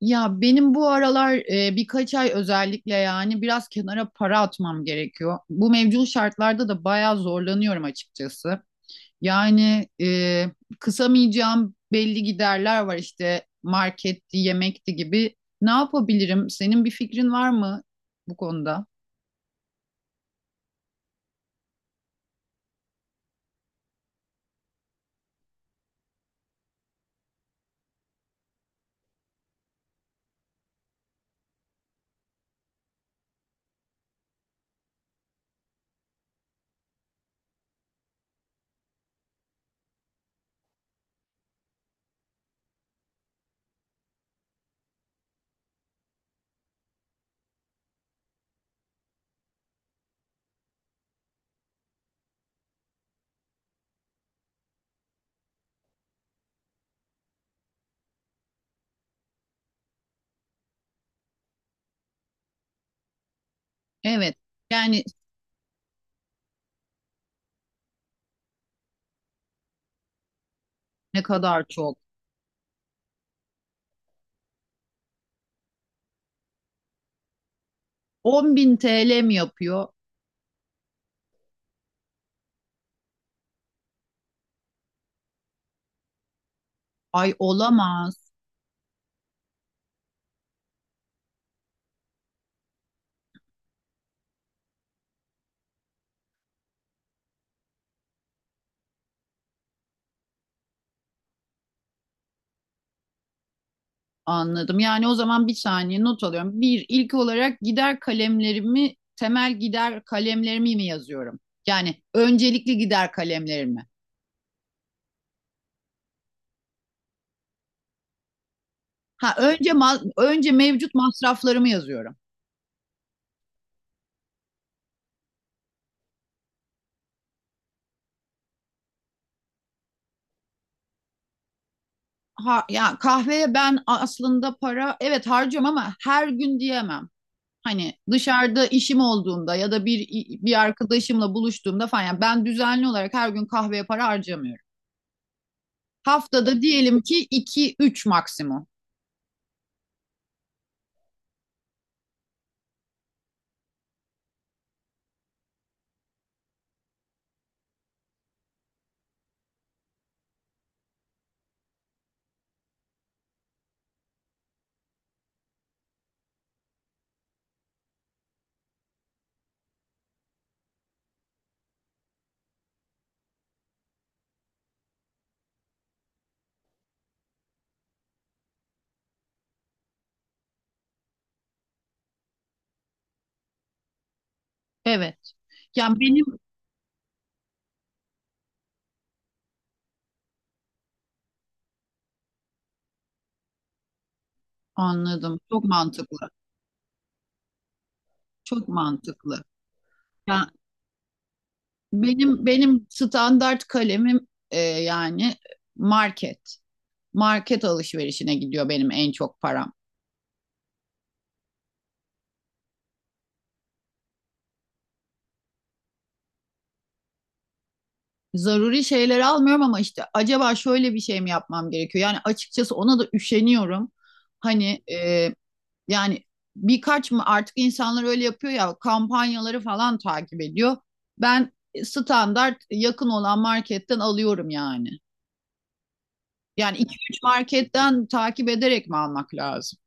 Ya benim bu aralar birkaç ay özellikle yani biraz kenara para atmam gerekiyor. Bu mevcut şartlarda da bayağı zorlanıyorum açıkçası. Yani e, kısamayacağım belli giderler var işte marketti, yemekti gibi. Ne yapabilirim? Senin bir fikrin var mı bu konuda? Evet. Yani ne kadar çok? 10.000 TL mi yapıyor? Ay olamaz. Anladım. Yani o zaman bir saniye not alıyorum. Bir, ilk olarak gider kalemlerimi, temel gider kalemlerimi mi yazıyorum? Yani öncelikli gider kalemlerimi. Ha önce önce mevcut masraflarımı yazıyorum. Ha ya kahveye ben aslında para evet harcıyorum ama her gün diyemem. Hani dışarıda işim olduğunda ya da bir arkadaşımla buluştuğumda falan yani ben düzenli olarak her gün kahveye para harcamıyorum. Haftada diyelim ki iki üç maksimum. Evet. Yani benim anladım. Çok mantıklı. Çok mantıklı. Ya benim standart kalemim yani market. Market alışverişine gidiyor benim en çok param. Zaruri şeyler almıyorum ama işte acaba şöyle bir şey mi yapmam gerekiyor? Yani açıkçası ona da üşeniyorum. Hani yani birkaç mı artık insanlar öyle yapıyor ya kampanyaları falan takip ediyor. Ben standart yakın olan marketten alıyorum yani. Yani iki üç marketten takip ederek mi almak lazım?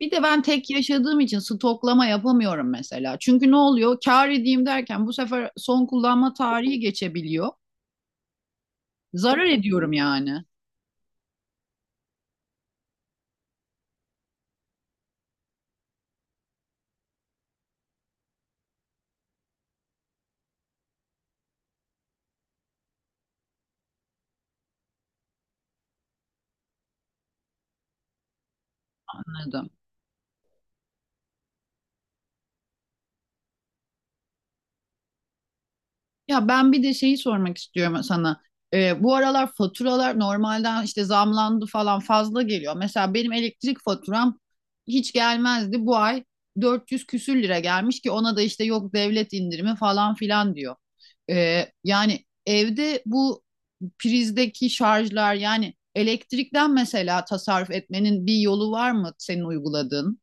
Bir de ben tek yaşadığım için stoklama yapamıyorum mesela. Çünkü ne oluyor? Kâr edeyim derken bu sefer son kullanma tarihi geçebiliyor. Zarar ediyorum yani. Anladım. Ya ben bir de şeyi sormak istiyorum sana. Bu aralar faturalar normalden işte zamlandı falan fazla geliyor. Mesela benim elektrik faturam hiç gelmezdi. Bu ay 400 küsür lira gelmiş ki ona da işte yok devlet indirimi falan filan diyor. Yani evde bu prizdeki şarjlar yani elektrikten mesela tasarruf etmenin bir yolu var mı senin uyguladığın?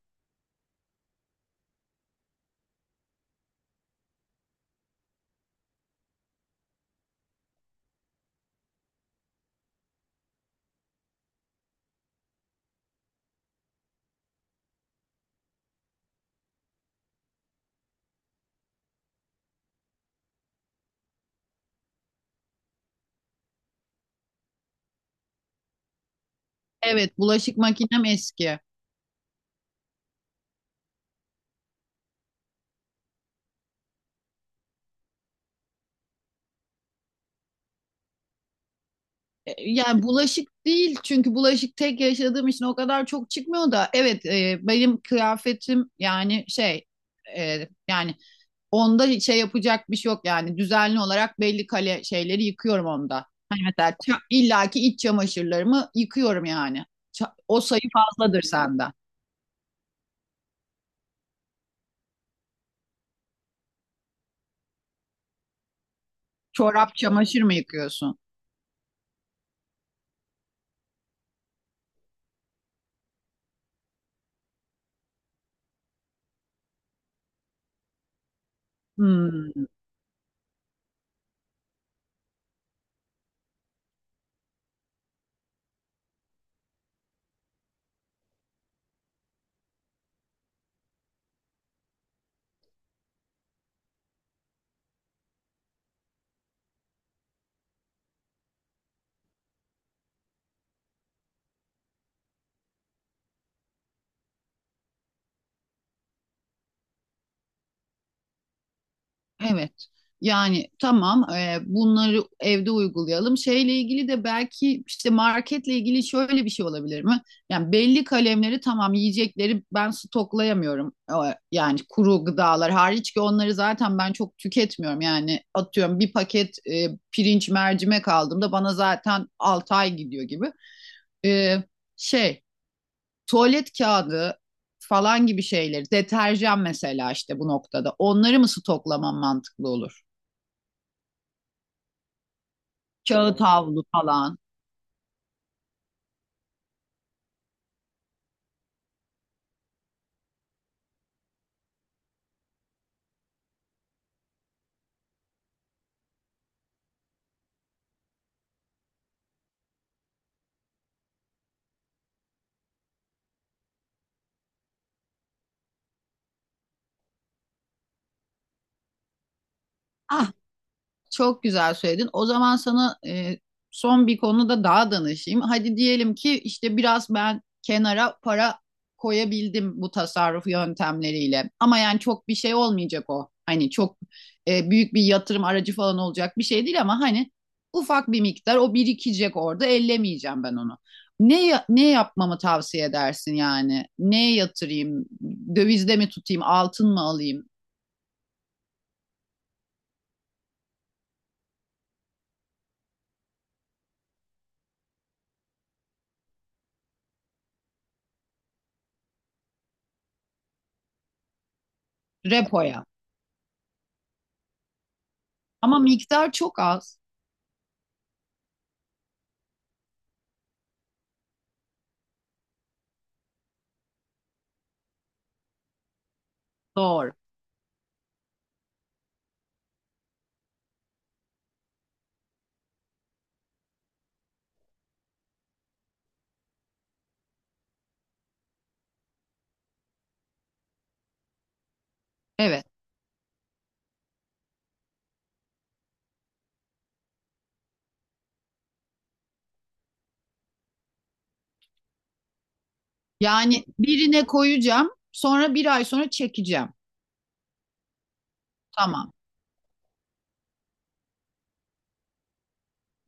Evet, bulaşık makinem eski. E, yani bulaşık değil çünkü bulaşık tek yaşadığım için o kadar çok çıkmıyor da evet, benim kıyafetim yani şey, yani onda hiç şey yapacak bir şey yok yani düzenli olarak belli kale şeyleri yıkıyorum onda. Hani mesela illaki iç çamaşırlarımı yıkıyorum yani. O sayı fazladır senden. Çorap çamaşır mı yıkıyorsun? Hmm. Evet. Yani tamam, bunları evde uygulayalım. Şeyle ilgili de belki işte marketle ilgili şöyle bir şey olabilir mi? Yani belli kalemleri tamam yiyecekleri ben stoklayamıyorum. Yani kuru gıdalar hariç ki onları zaten ben çok tüketmiyorum. Yani atıyorum bir paket pirinç mercimek aldığımda bana zaten 6 ay gidiyor gibi. E, şey, tuvalet kağıdı falan gibi şeyleri deterjan mesela işte bu noktada onları mı stoklamam mantıklı olur? Kağıt havlu falan. Ah, çok güzel söyledin. O zaman sana, son bir konuda daha danışayım. Hadi diyelim ki işte biraz ben kenara para koyabildim bu tasarruf yöntemleriyle. Ama yani çok bir şey olmayacak o. Hani çok büyük bir yatırım aracı falan olacak bir şey değil ama hani ufak bir miktar o birikecek orada. Ellemeyeceğim ben onu. Ne yapmamı tavsiye edersin yani? Neye yatırayım? Dövizde mi tutayım? Altın mı alayım? Repoya. Ama miktar çok az. Doğru. Evet. Yani birine koyacağım, sonra bir ay sonra çekeceğim. Tamam.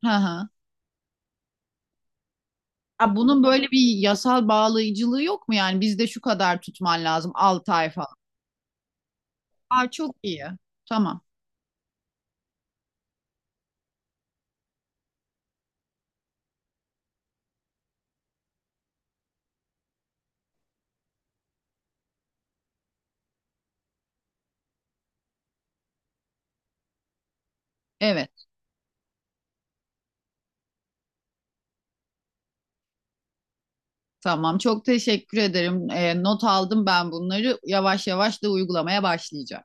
Hı hı. Ha, bunun böyle bir yasal bağlayıcılığı yok mu? Yani bizde şu kadar tutman lazım 6 ay falan. Aa, çok iyi. Tamam. Evet. Tamam. Çok teşekkür ederim. Not aldım ben bunları. Yavaş yavaş da uygulamaya başlayacağım.